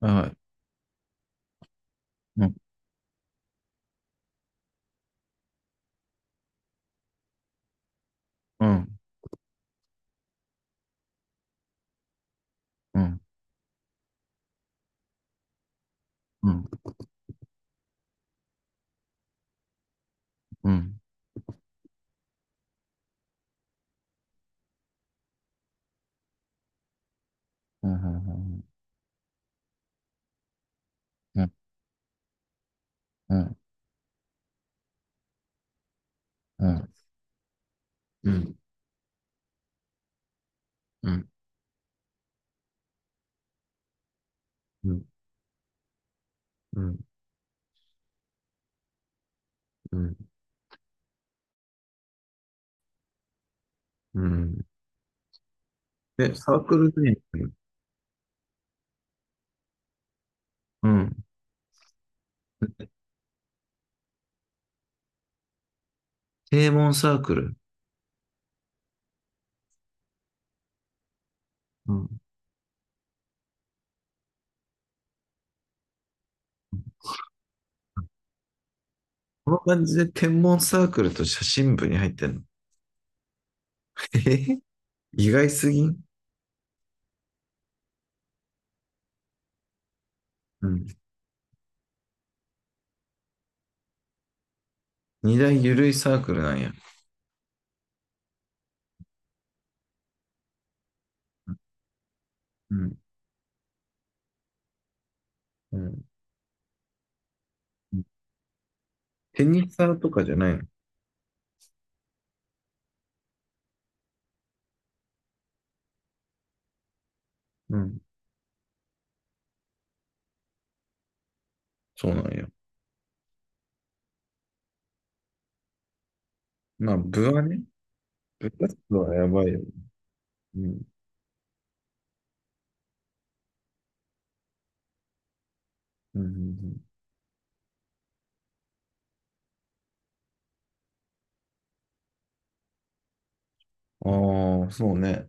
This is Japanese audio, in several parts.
はい。うん、うん、うん、うん、うん、うん、うん、うん、うん、うん、うん、うん、うん、うん、うん、うん。で、サークルで、うん、天文サークル。うん。この感じで天文サークルと写真部に入ってんの？えへ、意外すぎん？うん。二大ゆるいサークルなんや。うん、うん。テニスサーとかじゃないの？うん。そうなんや。まあ、部はね、部活動はやばいよ。うん、うん、うん。うん、ああ、そうね。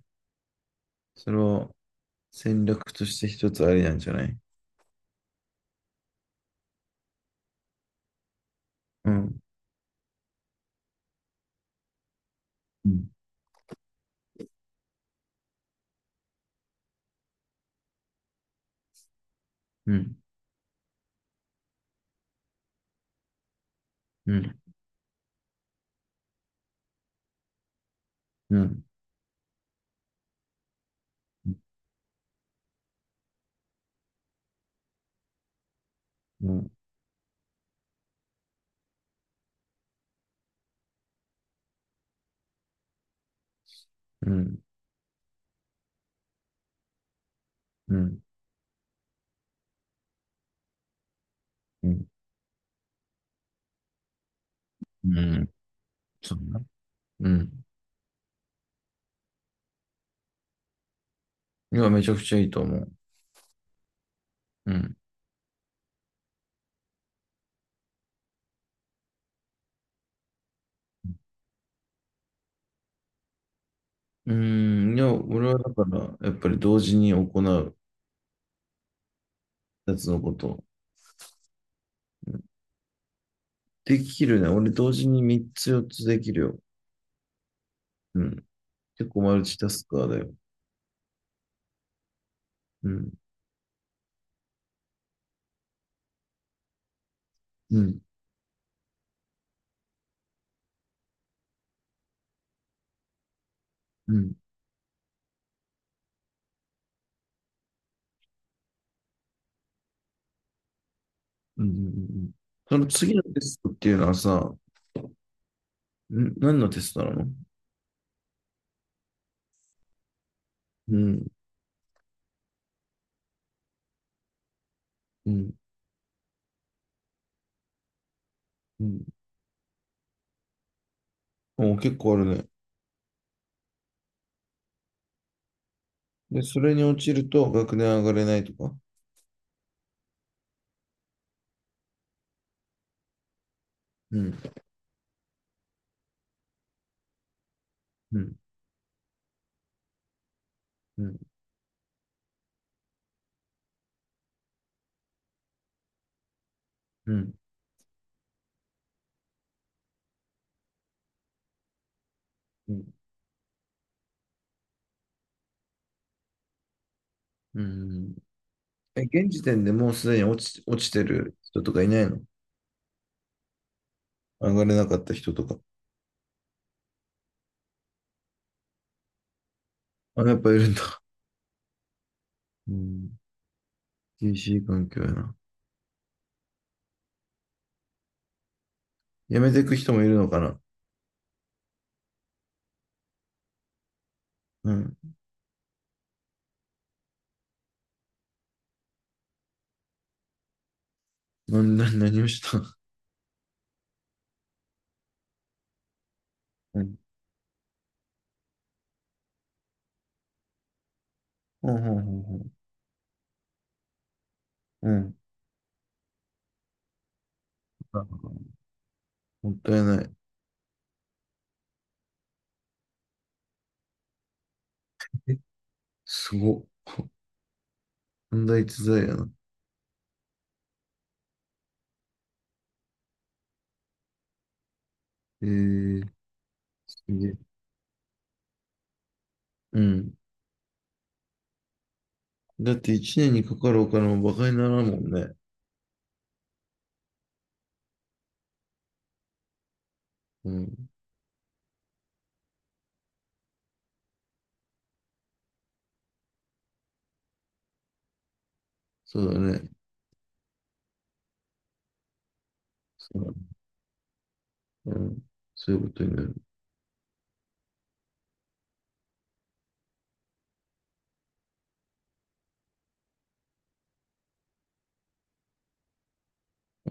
それは戦略として一つありなんじゃない？うん、うん、うん、うん、うん、うん、うん、うん、うん、うん、そうな。うん。いや、めちゃくちゃいいと思う。うん。うん、いや、俺はだから、やっぱり同時に行うやつのことを。うん、できるね。俺同時に3つ4つできるよ。うん。結構マルチタスカーだよ。うん。うん。うん。うん。うん、うん、その次のテストっていうのはさ、ん、何のテストなの？うん。うん。うん。お、結構あるね。で、それに落ちると学年上がれないとか。うん。うん。うん。うん。うん。うん。え、現時点でもうすでに落ちてる人とかいないの？上がれなかった人とか。あ、やっぱいるんだ。うん。厳しい環境やな。辞めていく人もいるのかな。うん。何をした？うん。ほうほうほうほう。うん。あ、もったいない。え、すごっ。問題逸材やな。えー、すげえ。うん。だって一年にかかるお金も馬鹿にならんもんね。うん。そうだね。そうだね。うん。そういうことになる。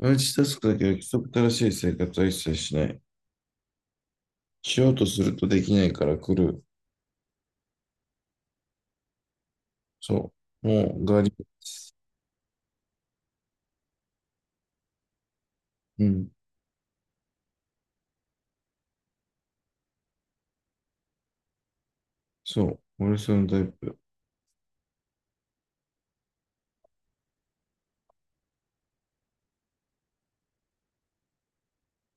マルチタスクだけは規則正しい生活は一切しない。しようとするとできないから来る。そう。もう、ガリ。うん。そう。俺そのタイプ。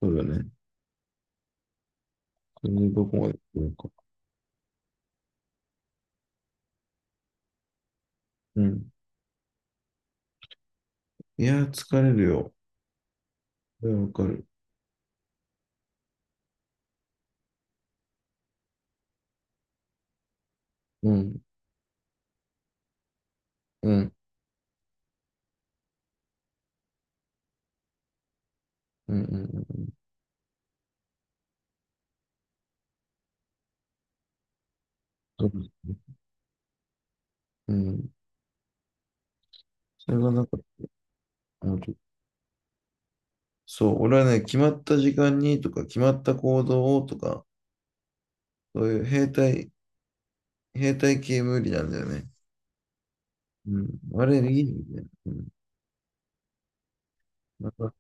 そうだね。それにどこまで来るか。うん。いやー、疲れるよ。それはわかる。うん。うん。うん。うん。うん。そうですね。うん。それがなんか、あう、ちょっとそう、俺はね、決まった時間にとか、決まった行動をとか、そういう兵隊、兵隊系無理なんだよね。うん、あれ、いいみたいな。うん、なかなか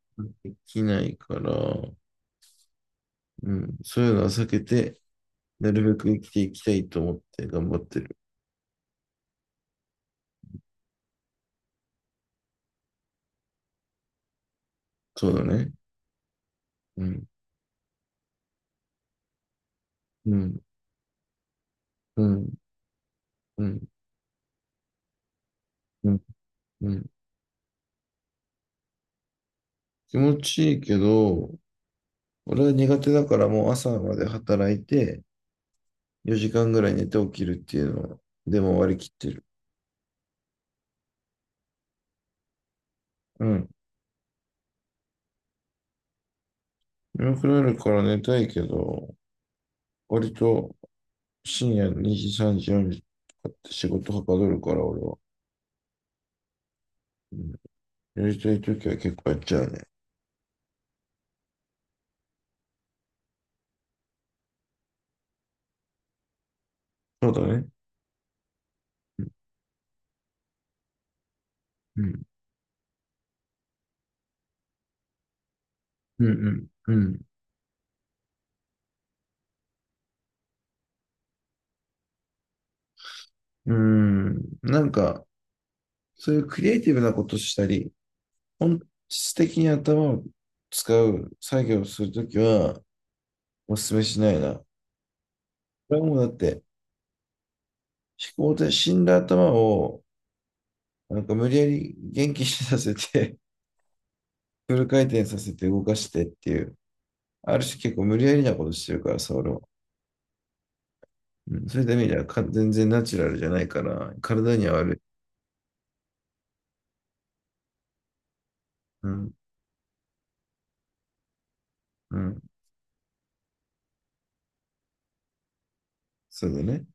できないから、うん、そういうのは避けて、なるべく生きていきたいと思って頑張ってる。そうだね。うん、うん、うん、うん、うん、うん。気持ちいいけど、俺は苦手だからもう朝まで働いて、4時間ぐらい寝て起きるっていうのは、でも割り切ってる。うん。眠くなるから寝たいけど、割と深夜2時、3時、4時とかって仕事はかどるから俺は。うん。やりたいときは結構やっちゃうね。そうだね。うん。うん。うん。うん。うん。なんか、そういうクリエイティブなことしたり、本質的に頭を使う作業をするときは、お勧めしないな。これはもうだって、思考で死んだ頭を、なんか無理やり元気にさせて、フル回転させて動かしてっていう。ある種結構無理やりなことしてるからさ、俺は。うん、そういった意味ではか全然ナチュラルじゃないから、体には悪い。うん、うん、そうだね。